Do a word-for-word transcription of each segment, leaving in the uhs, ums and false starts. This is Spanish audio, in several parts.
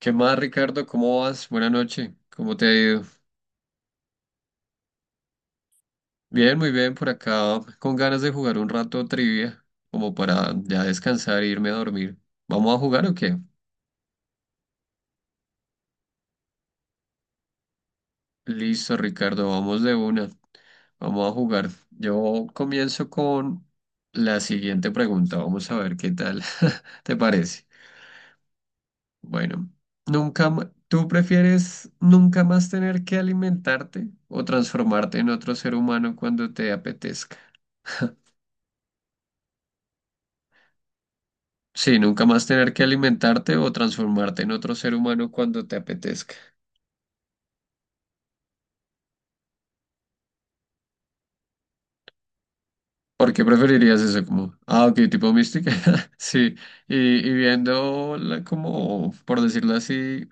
¿Qué más, Ricardo? ¿Cómo vas? Buenas noches. ¿Cómo te ha ido? Bien, muy bien por acá, con ganas de jugar un rato trivia, como para ya descansar e irme a dormir. ¿Vamos a jugar o qué? Listo, Ricardo, vamos de una. Vamos a jugar. Yo comienzo con la siguiente pregunta. Vamos a ver qué tal te parece. Bueno, nunca, ma- ¿tú prefieres nunca más tener que alimentarte o transformarte en otro ser humano cuando te apetezca? Sí, nunca más tener que alimentarte o transformarte en otro ser humano cuando te apetezca. ¿Por qué preferirías eso? Como, ah, ok, tipo mística. Sí, y, y viendo la- como, por decirlo así,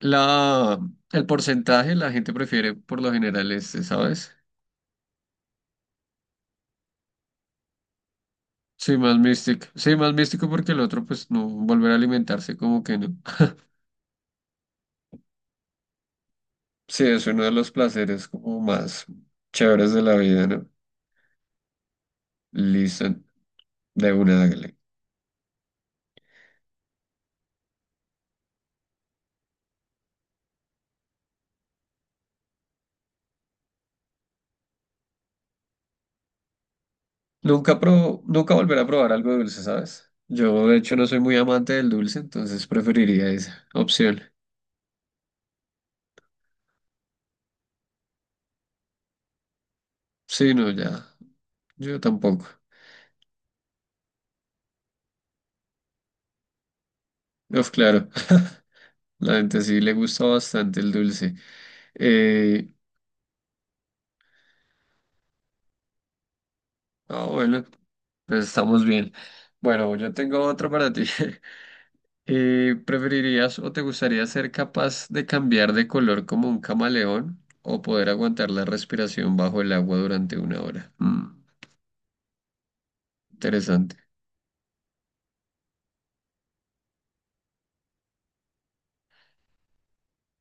la, el porcentaje la gente prefiere por lo general este, ¿sabes? Sí, más místico. Sí, más místico porque el otro, pues no, volver a alimentarse como que no. Sí, es uno de los placeres como más chéveres de la vida, ¿no? Listo, de una, hágale. Nunca, pro, nunca volveré a probar algo dulce, ¿sabes? Yo, de hecho, no soy muy amante del dulce, entonces preferiría esa opción. Sí, no, ya. Yo tampoco. Uf, claro. La gente sí le gusta bastante el dulce. Eh, ah, bueno, pues estamos bien. Bueno, yo tengo otro para ti. Eh, ¿preferirías o te gustaría ser capaz de cambiar de color como un camaleón o poder aguantar la respiración bajo el agua durante una hora? Mm, interesante.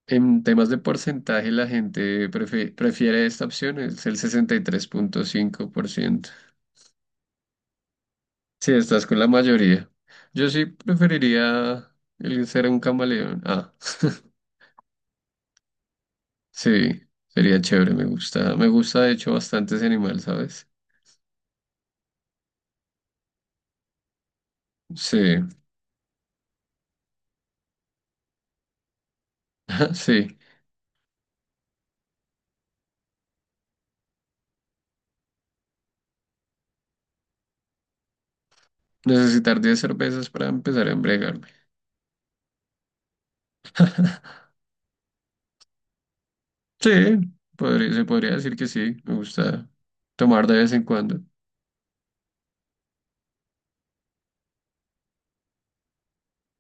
En temas de porcentaje, la gente prefi- prefiere esta opción, es el sesenta y tres punto cinco por ciento. Sí, estás con la mayoría. Yo sí preferiría el ser un camaleón. Ah, sí, sería chévere, me gusta. Me gusta, de hecho, bastante ese animal, ¿sabes? Sí, sí. Necesitar diez cervezas para empezar a embriagarme. Sí, podría- se podría decir que sí, me gusta tomar de vez en cuando.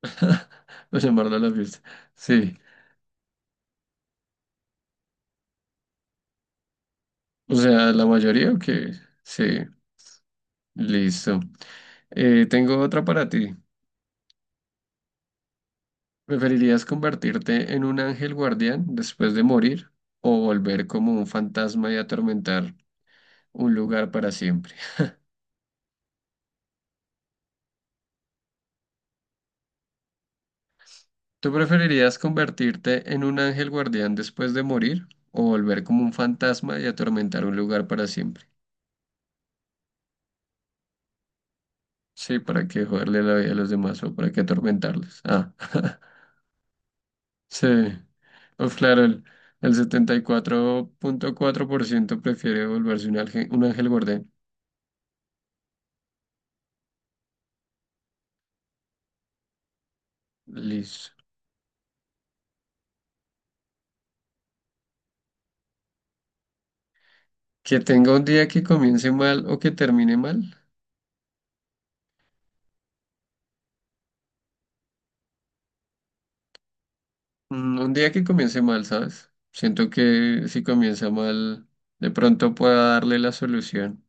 O llamarlo a la fiesta. Sí. O sea, ¿la mayoría o qué? Sí, listo. Eh, tengo otra para ti. ¿Preferirías convertirte en un ángel guardián después de morir o volver como un fantasma y atormentar un lugar para siempre? ¿Tú preferirías convertirte en un ángel guardián después de morir o volver como un fantasma y atormentar un lugar para siempre? Sí, ¿para qué joderle la vida a los demás o para qué atormentarlos? Ah. Sí, pues claro, el, el setenta y cuatro cuatro punto cuatro por ciento prefiere volverse un ángel, un ángel guardián. Listo. Que tenga un día que comience mal o que termine mal. Mm, Un día que comience mal, ¿sabes? Siento que si comienza mal, de pronto pueda darle la solución.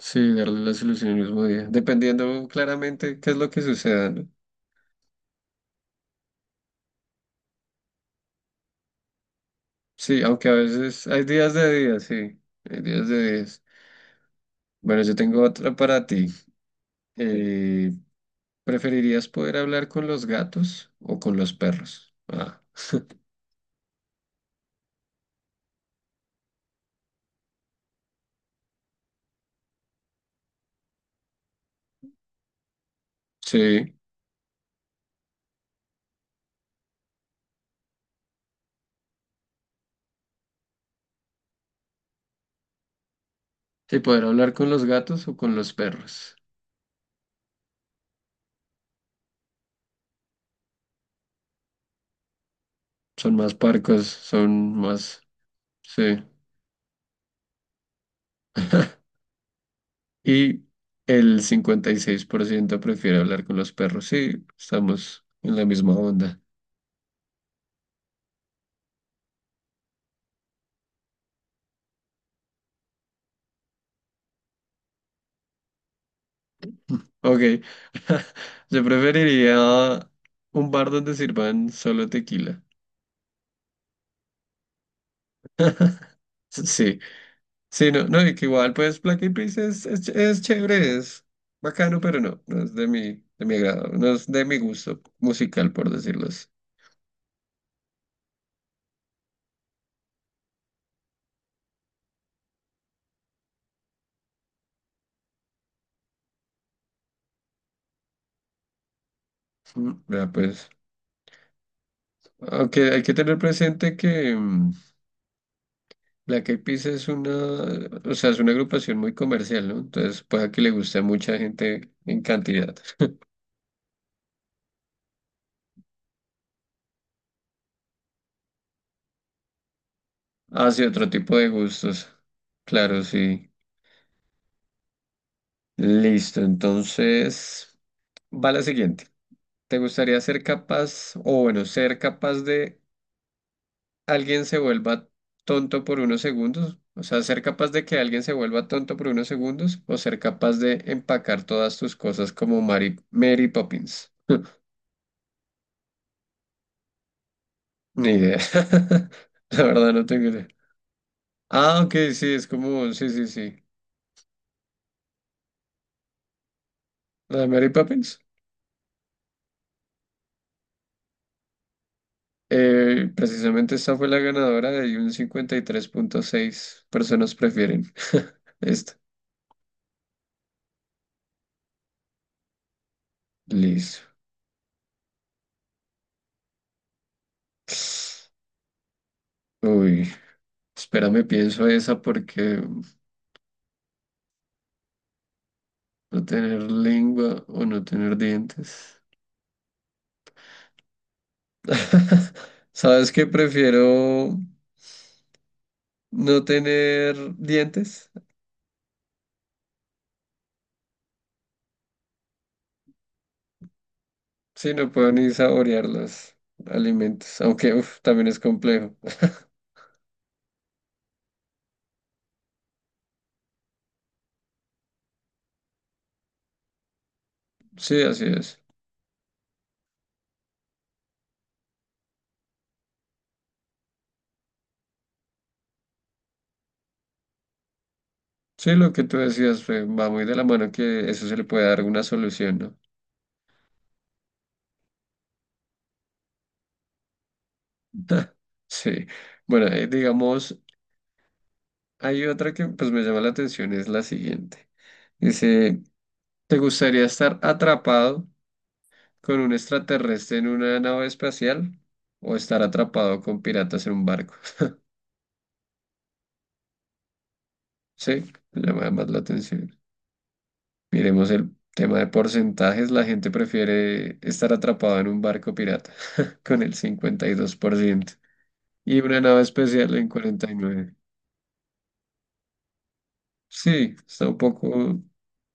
Sí, darle la solución el mismo día, dependiendo claramente qué es lo que suceda, ¿no? Sí, aunque a veces hay días de días, sí, hay días de días. Bueno, yo tengo otra para ti. Eh, ¿Preferirías poder hablar con los gatos o con los perros? Ah, sí. Sí, poder hablar con los gatos o con los perros. Son más parcos, son más... Sí. Y el cincuenta y seis por ciento prefiere hablar con los perros. Sí, estamos en la misma onda. Ok. Yo preferiría un bar donde sirvan solo tequila. Sí, sí, no, no, y que igual, pues, Black Eyed Peas es, es, es chévere, es bacano, pero no, no es de mi, de mi agrado, no es de mi gusto musical, por decirlo así. Mm, Ya, pues, aunque hay que tener presente que mm, Black Eyed Peas es una, o sea, es una agrupación muy comercial, ¿no? Entonces, puede que le guste a mucha gente en cantidad. Hace otro tipo de gustos, claro, sí. Listo, entonces, va la siguiente. ¿Te gustaría ser capaz, o bueno, ser capaz de alguien se vuelva tonto por unos segundos, o sea, ser capaz de que alguien se vuelva tonto por unos segundos o ser capaz de empacar todas tus cosas como Mary, Mary Poppins? Ni idea. La verdad no tengo idea. Ah, ok, sí, es como, sí, sí, sí. La de Mary Poppins. Eh, precisamente esta fue la ganadora de un cincuenta y tres punto seis personas prefieren esta. Listo. Uy, espérame, pienso esa porque... No tener lengua o no tener dientes. ¿Sabes qué? Prefiero no tener dientes. Sí, no puedo ni saborear los alimentos, aunque uf, también es complejo. Sí, así es. Sí, lo que tú decías fue, va muy de la mano que eso se le puede dar una solución, ¿no? Sí. Bueno, eh, digamos, hay otra que pues me llama la atención, es la siguiente. Dice, ¿te gustaría estar atrapado con un extraterrestre en una nave espacial o estar atrapado con piratas en un barco? Sí, llama más la atención. Miremos el tema de porcentajes. La gente prefiere estar atrapado en un barco pirata con el cincuenta y dos por ciento y una nave especial en cuarenta y nueve por ciento. Sí, está un poco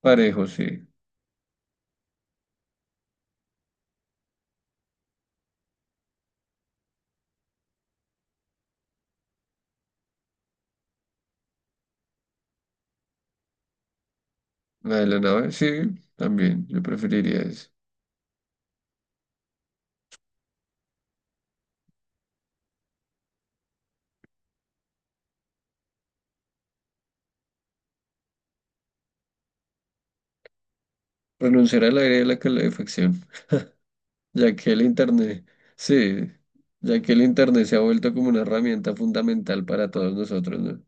parejo, sí. La de la nave, sí, también. Yo preferiría eso. Renunciar al aire de la calefacción. Ya que el Internet, sí, ya que el Internet se ha vuelto como una herramienta fundamental para todos nosotros, ¿no?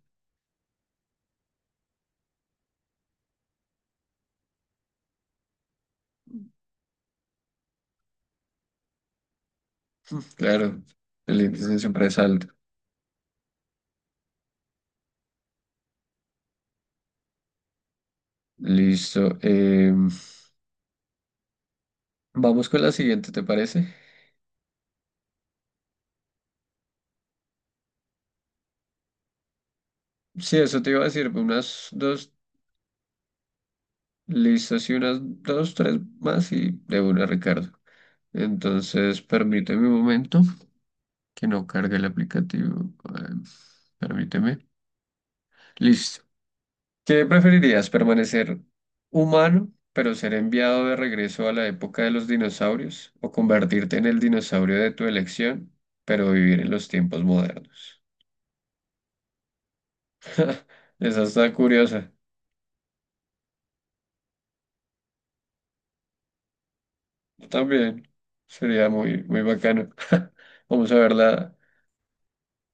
Mm, claro, el índice siempre es alto. Listo. eh, vamos con la siguiente, ¿te parece? Sí, eso te iba a decir, unas dos, listas y unas dos, tres más y de una, Ricardo. Entonces, permíteme un momento que no cargue el aplicativo. eh, permíteme. Listo. ¿Qué preferirías, permanecer humano, pero ser enviado de regreso a la época de los dinosaurios, o convertirte en el dinosaurio de tu elección, pero vivir en los tiempos modernos? Esa está curiosa. También sería muy, muy bacano. Vamos a ver la-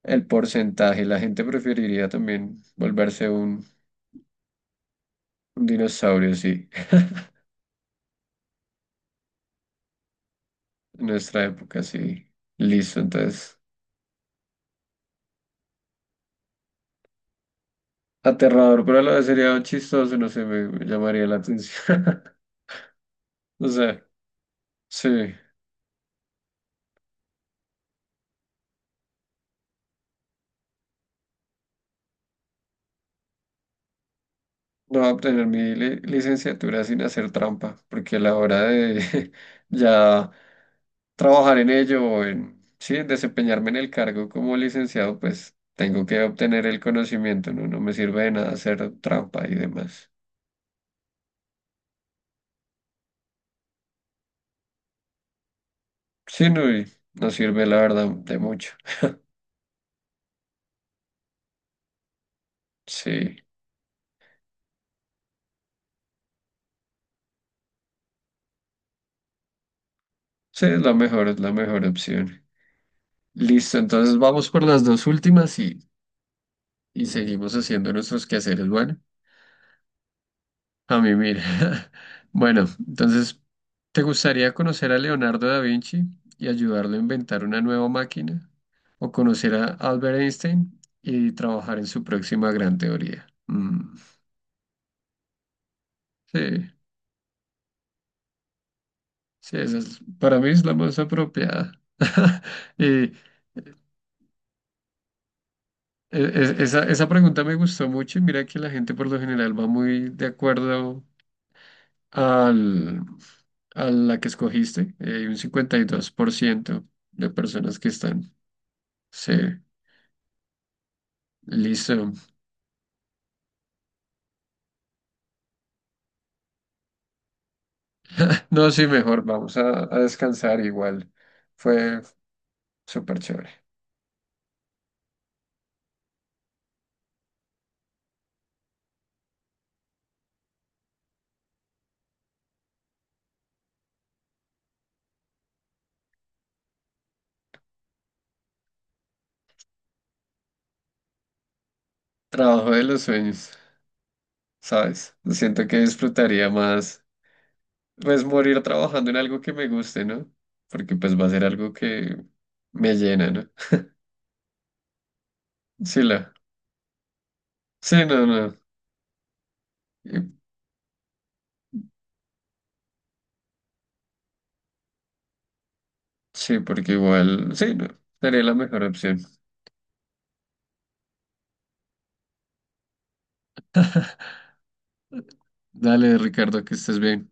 el porcentaje. La gente preferiría también volverse un, un dinosaurio, sí. En nuestra época, sí. Listo, entonces. Aterrador, pero a la vez sería chistoso, no sé, me me llamaría la atención. O sea, sí, no voy a obtener mi li- licenciatura sin hacer trampa, porque a la hora de ya trabajar en ello o en, sí, en desempeñarme en el cargo como licenciado, pues tengo que obtener el conocimiento, ¿no? No me sirve de nada hacer trampa y demás. Sí, no, y no sirve la verdad de mucho. Sí, sí, es la mejor, es la mejor opción. Listo, entonces vamos por las dos últimas y, y seguimos haciendo nuestros quehaceres. Bueno, a mí mira. Bueno, entonces, ¿te gustaría conocer a Leonardo da Vinci y ayudarlo a inventar una nueva máquina? ¿O conocer a Albert Einstein y trabajar en su próxima gran teoría? Mm, sí, sí, esa es- para mí es la más apropiada. Y e- e- esa, esa pregunta me gustó mucho y mira que la gente por lo general va muy de acuerdo al, a la que escogiste. Eh, Hay un cincuenta y dos por ciento de personas que están. Sí, listo. No, sí, mejor vamos a, a descansar igual. Fue súper chévere. Trabajo de los sueños, ¿sabes? Siento que disfrutaría más, pues, morir trabajando en algo que me guste, ¿no? Porque pues va a ser algo que me llena, ¿no? Sí, la. Sí, no, no. Y- sí, porque igual, sí, no. Sería la mejor opción. Dale, Ricardo, que estés bien.